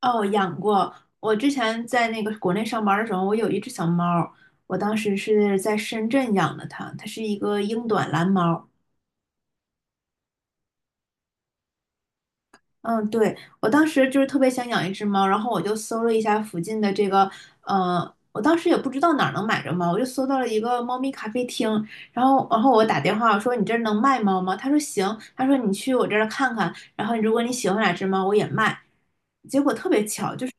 哦，养过。我之前在那个国内上班的时候，我有一只小猫儿。我当时是在深圳养的它，它是一个英短蓝猫。嗯，对，我当时就是特别想养一只猫，然后我就搜了一下附近的这个，我当时也不知道哪儿能买着猫，我就搜到了一个猫咪咖啡厅，然后我打电话我说你这儿能卖猫吗？他说行，他说你去我这儿看看，然后如果你喜欢哪只猫，我也卖。结果特别巧，就是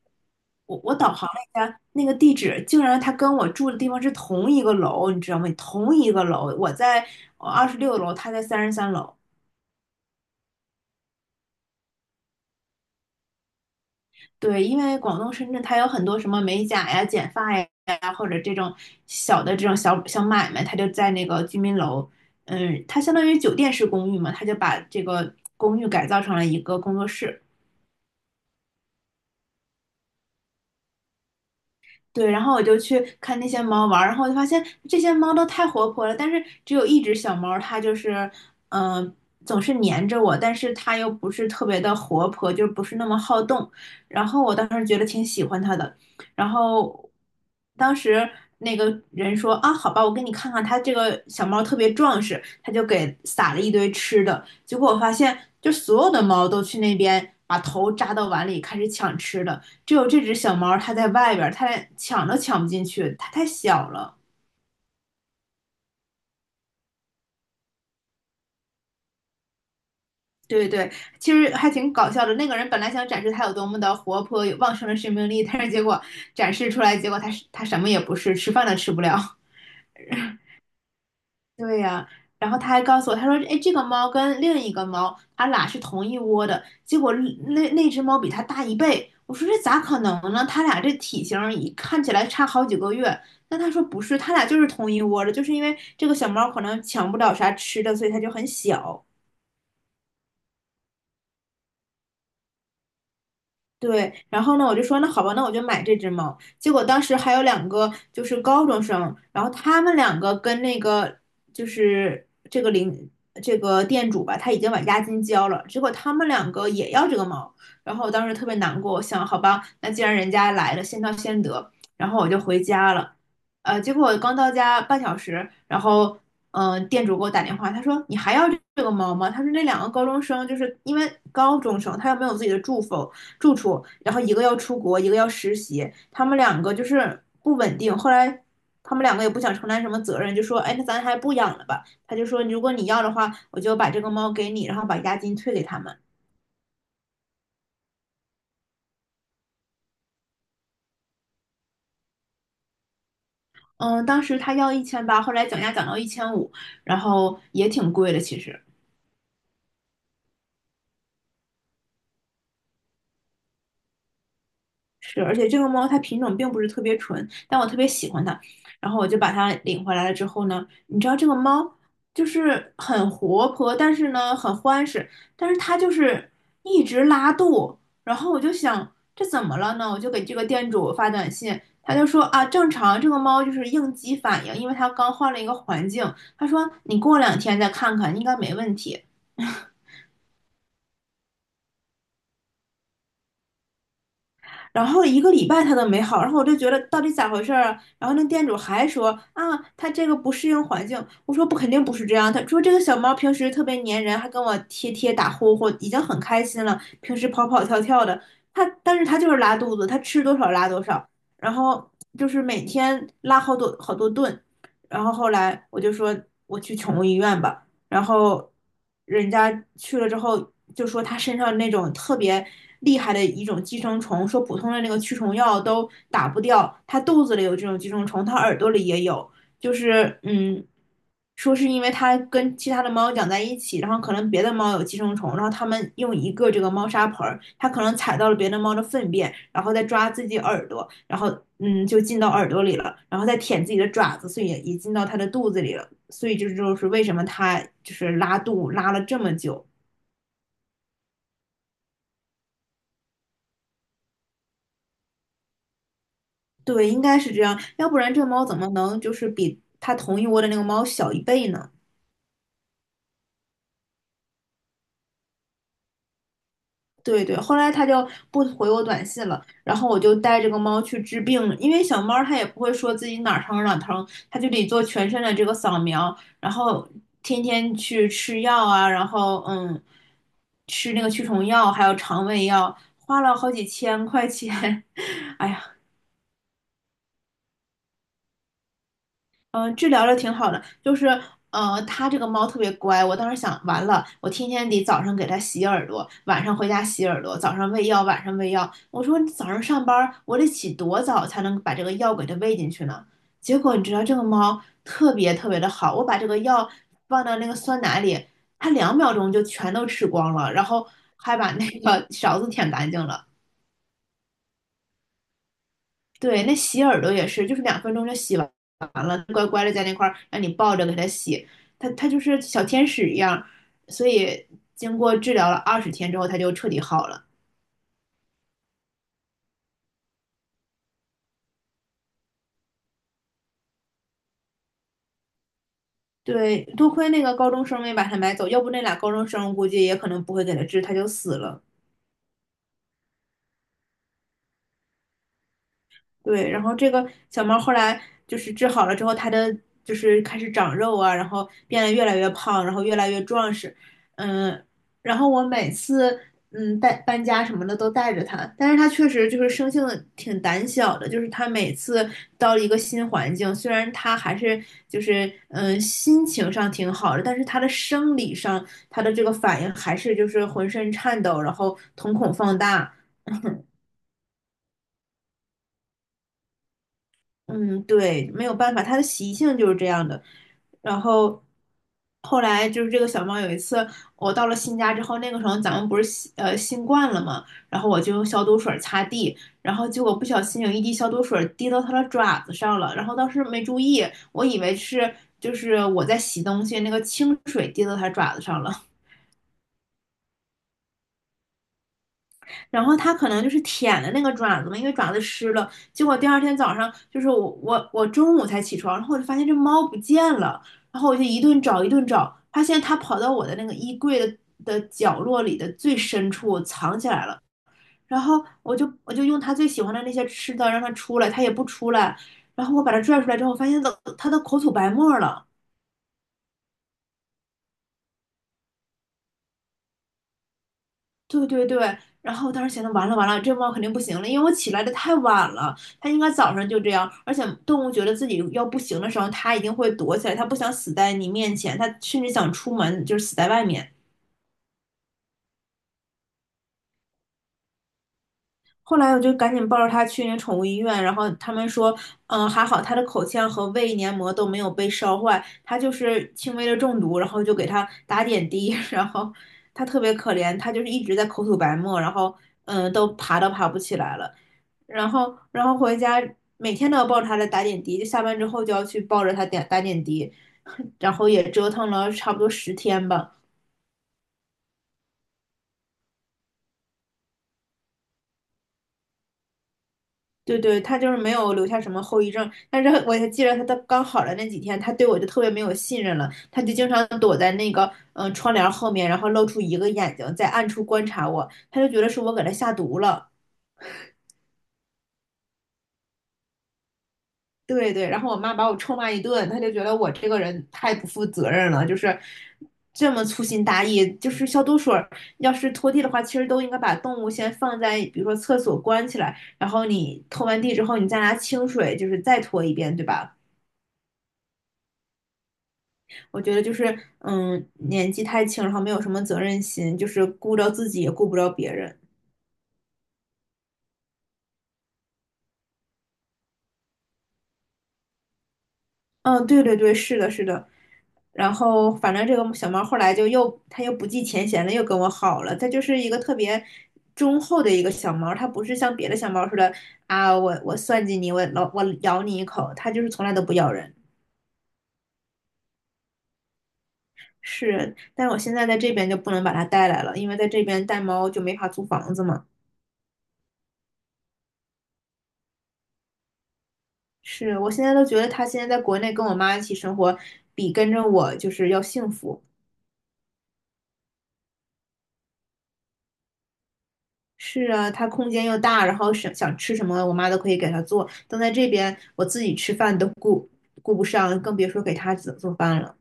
我导航了一下那个地址，竟然它跟我住的地方是同一个楼，你知道吗？同一个楼，我在26楼，他在33楼。对，因为广东深圳它有很多什么美甲呀、剪发呀，或者这种小的这种小小买卖，它就在那个居民楼，嗯，它相当于酒店式公寓嘛，它就把这个公寓改造成了一个工作室。对，然后我就去看那些猫玩儿，然后我就发现这些猫都太活泼了，但是只有一只小猫，它就是，嗯、总是黏着我，但是它又不是特别的活泼，就不是那么好动。然后我当时觉得挺喜欢它的，然后当时那个人说啊，好吧，我给你看看，它这个小猫特别壮实，他就给撒了一堆吃的，结果我发现，就所有的猫都去那边把头扎到碗里开始抢吃的。只有这只小猫它在外边它连抢都抢不进去，它太小了。对对，其实还挺搞笑的。那个人本来想展示它有多么的活泼、有旺盛的生命力，但是结果展示出来，结果它是它什么也不是，吃饭都吃不了。对呀、然后他还告诉我，他说：“哎，这个猫跟另一个猫，它俩是同一窝的，结果那只猫比它大一倍。”我说：“这咋可能呢？它俩这体型儿一看起来差好几个月。”那他说：“不是，它俩就是同一窝的，就是因为这个小猫可能抢不了啥吃的，所以它就很小。”对，然后呢，我就说那好吧，那我就买这只猫。结果当时还有两个就是高中生，然后他们两个跟那个就是这个领这个店主吧，他已经把押金交了，结果他们两个也要这个猫。然后我当时特别难过，我想好吧，那既然人家来了，先到先得。然后我就回家了，结果我刚到家半小时，然后店主给我打电话，他说你还要这个猫吗？他说那两个高中生就是因为高中生，他又没有自己的住房。住处，然后一个要出国，一个要实习，他们两个就是不稳定。后来他们两个也不想承担什么责任，就说：“哎，那咱还不养了吧？”他就说：“如果你要的话，我就把这个猫给你，然后把押金退给他们。”嗯，当时他要1800，后来讲价讲到1500，然后也挺贵的，其实。是，而且这个猫它品种并不是特别纯，但我特别喜欢它，然后我就把它领回来了之后呢，你知道这个猫就是很活泼，但是呢很欢实，但是它就是一直拉肚，然后我就想这怎么了呢？我就给这个店主发短信，他就说啊正常，这个猫就是应激反应，因为它刚换了一个环境，他说你过两天再看看，应该没问题。然后一个礼拜它都没好，然后我就觉得到底咋回事儿啊？然后那店主还说啊，它这个不适应环境。我说不，肯定不是这样。他说这个小猫平时特别粘人，还跟我贴贴打呼呼，已经很开心了。平时跑跑跳跳的，它但是它就是拉肚子，它吃多少拉多少，然后就是每天拉好多好多顿。然后后来我就说我去宠物医院吧。然后人家去了之后就说他身上那种特别厉害的一种寄生虫，说普通的那个驱虫药都打不掉，他肚子里有这种寄生虫，他耳朵里也有，就是说是因为他跟其他的猫养在一起，然后可能别的猫有寄生虫，然后他们用一个这个猫砂盆儿，它可能踩到了别的猫的粪便，然后再抓自己耳朵，然后就进到耳朵里了，然后再舔自己的爪子，所以也进到它的肚子里了。所以这就是为什么它就是拉肚拉了这么久。对，应该是这样，要不然这猫怎么能就是比它同一窝的那个猫小一倍呢？对对，后来它就不回我短信了，然后我就带这个猫去治病，因为小猫它也不会说自己哪儿疼哪儿疼，它就得做全身的这个扫描，然后天天去吃药啊，然后吃那个驱虫药，还有肠胃药，花了好几千块钱，哎呀，嗯，治疗的挺好的，就是它这个猫特别乖。我当时想，完了，我天天得早上给它洗耳朵，晚上回家洗耳朵，早上喂药，晚上喂药。我说你早上上班，我得起多早才能把这个药给它喂进去呢？结果你知道这个猫特别特别的好，我把这个药放到那个酸奶里，它2秒钟就全都吃光了，然后还把那个勺子舔干净了。对，那洗耳朵也是，就是2分钟就洗完了，乖乖的在那块儿让你抱着给它洗，它就是小天使一样，所以经过治疗了20天之后，它就彻底好了。对，多亏那个高中生没把它买走，要不那俩高中生估计也可能不会给它治，它就死了。对，然后这个小猫后来就是治好了之后，它的就是开始长肉啊，然后变得越来越胖，然后越来越壮实，嗯，然后我每次带搬家什么的都带着它，但是它确实就是生性挺胆小的，就是它每次到了一个新环境，虽然它还是就是心情上挺好的，但是它的生理上它的这个反应还是就是浑身颤抖，然后瞳孔放大，嗯，对，没有办法，它的习性就是这样的。然后后来就是这个小猫有一次，我到了新家之后，那个时候咱们不是新冠了嘛，然后我就用消毒水擦地，然后结果不小心有一滴消毒水滴到它的爪子上了，然后当时没注意，我以为是就是我在洗东西，那个清水滴到它爪子上了。然后它可能就是舔的那个爪子嘛，因为爪子湿了。结果第二天早上，就是我中午才起床，然后我就发现这猫不见了，然后我就一顿找一顿找，发现它跑到我的那个衣柜的角落里的最深处藏起来了。然后我就用它最喜欢的那些吃的让它出来，它也不出来。然后我把它拽出来之后，发现它的口吐白沫了。对对对，然后我当时想着完了完了，这猫肯定不行了，因为我起来的太晚了，它应该早上就这样。而且动物觉得自己要不行的时候，它一定会躲起来，它不想死在你面前，它甚至想出门，就是死在外面。后来我就赶紧抱着它去那宠物医院，然后他们说，嗯，还好它的口腔和胃黏膜都没有被烧坏，它就是轻微的中毒，然后就给它打点滴，然后它特别可怜，它就是一直在口吐白沫，然后嗯，都爬都爬不起来了。然后回家每天都要抱着他来打点滴，就下班之后就要去抱着他点打点滴，然后也折腾了差不多10天吧。对对，他就是没有留下什么后遗症，但是我还记得他的刚好的那几天，他对我就特别没有信任了，他就经常躲在那个窗帘后面，然后露出一个眼睛，在暗处观察我，他就觉得是我给他下毒了。对对，然后我妈把我臭骂一顿，她就觉得我这个人太不负责任了，就是这么粗心大意。就是消毒水儿要是拖地的话，其实都应该把动物先放在，比如说厕所关起来，然后你拖完地之后，你再拿清水就是再拖一遍，对吧？我觉得就是嗯，年纪太轻，然后没有什么责任心，就是顾不着自己也顾不着别人。嗯，对对对，是的，是的。然后反正这个小猫后来就又它又不计前嫌了，又跟我好了。它就是一个特别忠厚的一个小猫，它不是像别的小猫似的啊，我算计你，我老咬你一口，它就是从来都不咬人。是，但是我现在在这边就不能把它带来了，因为在这边带猫就没法租房子嘛。是，我现在都觉得它现在在国内跟我妈一起生活，比跟着我就是要幸福。是啊，它空间又大，然后想想吃什么，我妈都可以给它做。但在这边，我自己吃饭都顾不上，更别说给它做做饭了。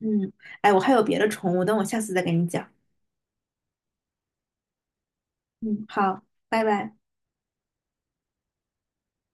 嗯，哎，我还有别的宠物，等我下次再跟你讲。嗯，好，拜拜。